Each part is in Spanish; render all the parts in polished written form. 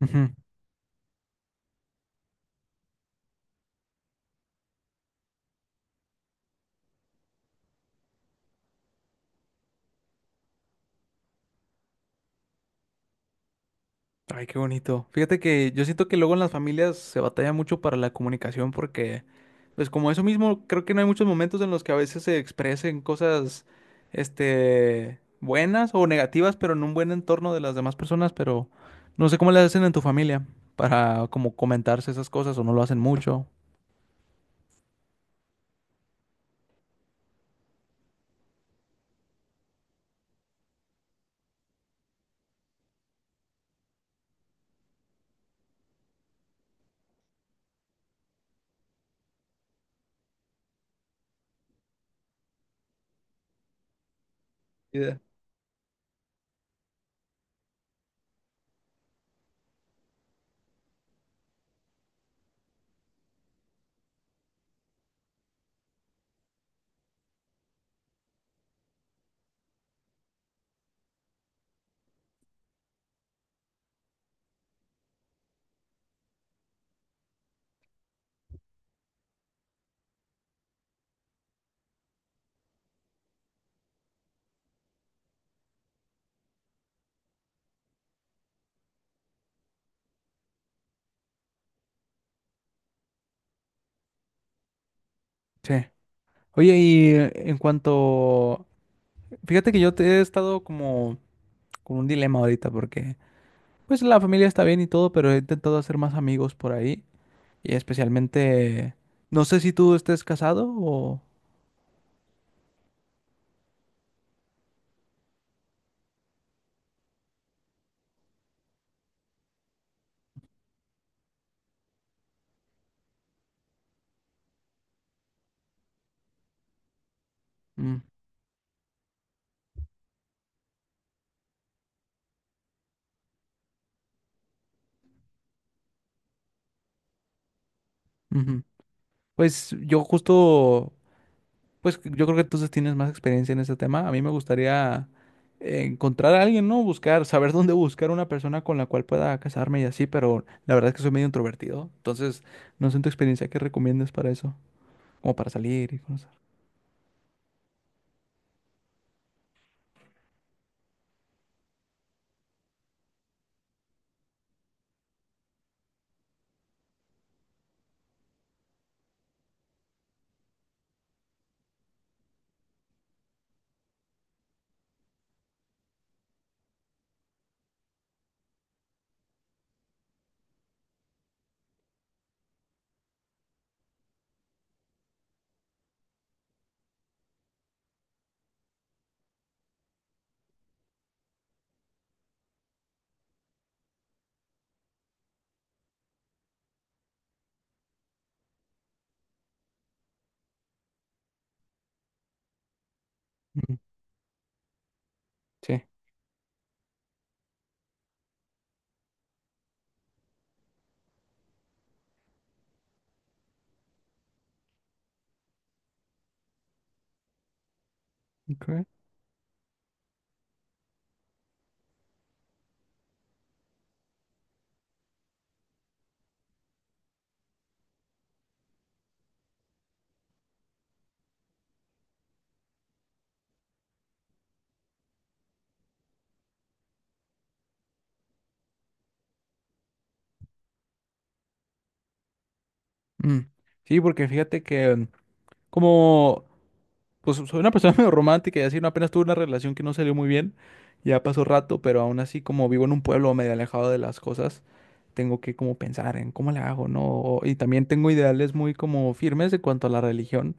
Ujú. Ay, qué bonito. Fíjate que yo siento que luego en las familias se batalla mucho para la comunicación porque, pues como eso mismo, creo que no hay muchos momentos en los que a veces se expresen cosas, buenas o negativas, pero en un buen entorno de las demás personas, pero no sé cómo le hacen en tu familia para como comentarse esas cosas o no lo hacen mucho. Idea. Sí. Oye, y en cuanto, fíjate que yo te he estado como con un dilema ahorita porque pues la familia está bien y todo, pero he intentado hacer más amigos por ahí y especialmente, no sé si tú estés casado o... Mm, ujú. Pues yo justo Pues yo creo que entonces tienes más experiencia en ese tema. A mí me gustaría encontrar a alguien, ¿no? Buscar, saber dónde buscar una persona con la cual pueda casarme y así, pero la verdad es que soy medio introvertido. Entonces, no sé en tu experiencia qué recomiendas para eso, como para salir y conocer. Ujú. Sí. Okay. Mm. Sí, porque fíjate que como, pues soy una persona medio romántica y así, ¿no? Apenas tuve una relación que no salió muy bien, ya pasó rato, pero aún así como vivo en un pueblo medio alejado de las cosas, tengo que como pensar en cómo le hago, ¿no? O- y también tengo ideales muy como firmes en cuanto a la religión,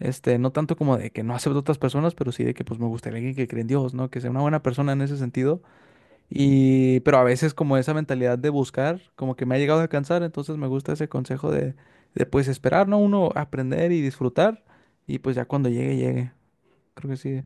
no tanto como de que no acepto a otras personas, pero sí de que pues me gustaría alguien que cree en Dios, ¿no? Que sea una buena persona en ese sentido y, pero a veces como esa mentalidad de buscar, como que me ha llegado a cansar, entonces me gusta ese consejo de pues esperar, ¿no? Uno aprender y disfrutar y pues ya cuando llegue, llegue. Creo que sí.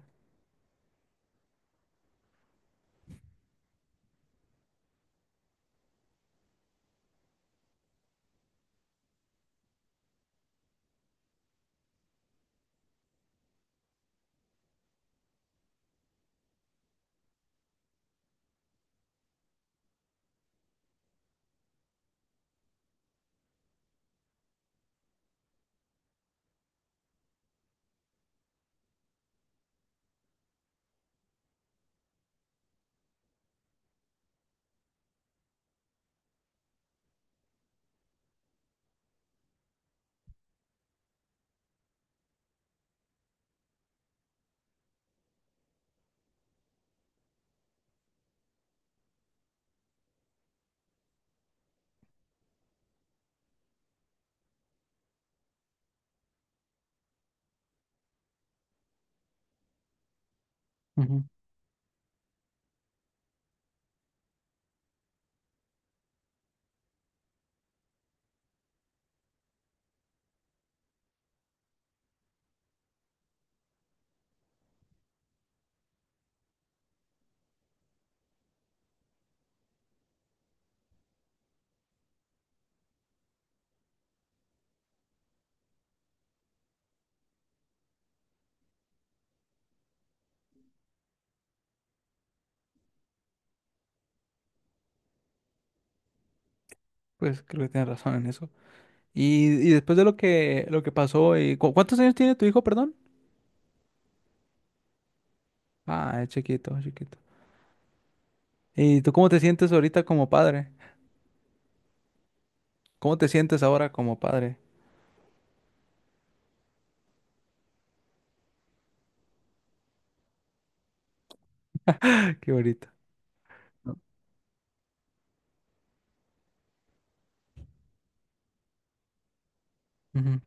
Ujú. Pues creo que tienes razón en eso. Y, después de lo que pasó, y, ¿cuántos años tiene tu hijo, perdón? Ah, es chiquito, chiquito. ¿Y tú cómo te sientes ahorita como padre? ¿Cómo te sientes ahora como padre? Qué bonito. Ujú.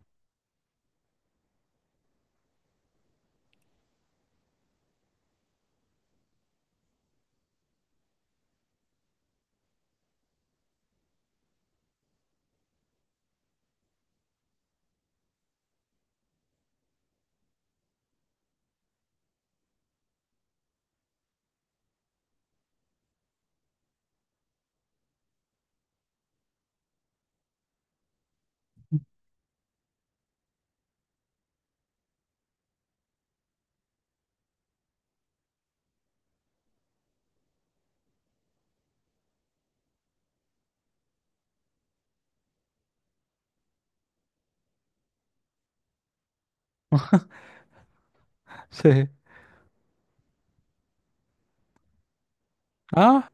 Sí. Ah,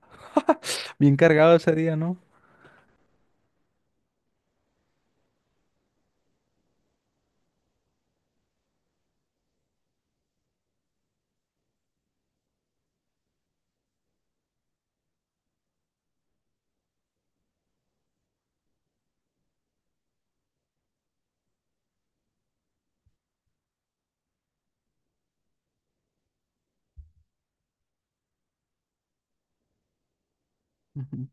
bien cargado ese día, ¿no? Ujú,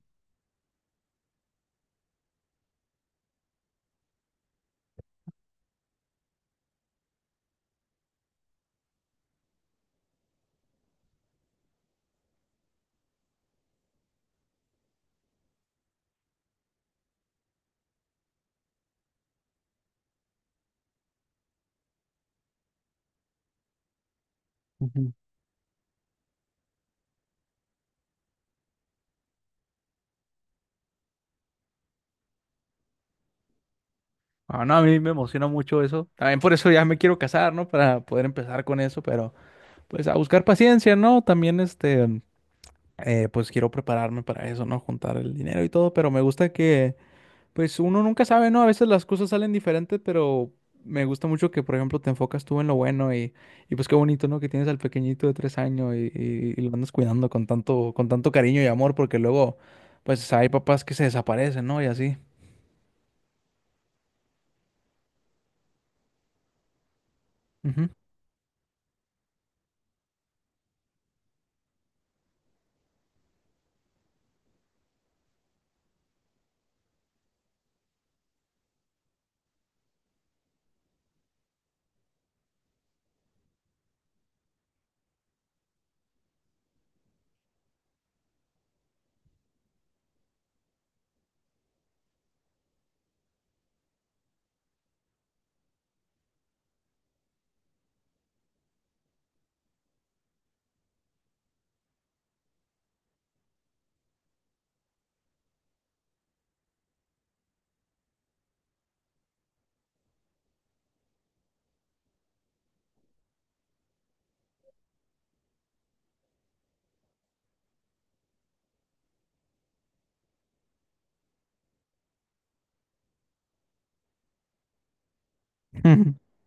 ujú. Ah, no, a mí me emociona mucho eso. También por eso ya me quiero casar, ¿no? Para poder empezar con eso, pero pues a buscar paciencia, ¿no? También pues quiero prepararme para eso, ¿no? Juntar el dinero y todo, pero me gusta que, pues uno nunca sabe, ¿no? A veces las cosas salen diferentes, pero me gusta mucho que, por ejemplo, te enfocas tú en lo bueno y pues qué bonito, ¿no? Que tienes al pequeñito de 3 años y, y lo andas cuidando con tanto cariño y amor, porque luego, pues hay papás que se desaparecen, ¿no? Y así. Ujú.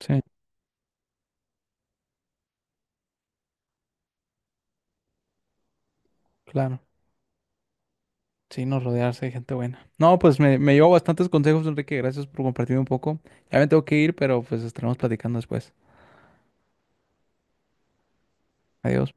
Sí, claro. Sí, no rodearse de gente buena. No, pues me llevo bastantes consejos, Enrique. Gracias por compartir un poco. Ya me tengo que ir, pero pues estaremos platicando después. Adiós.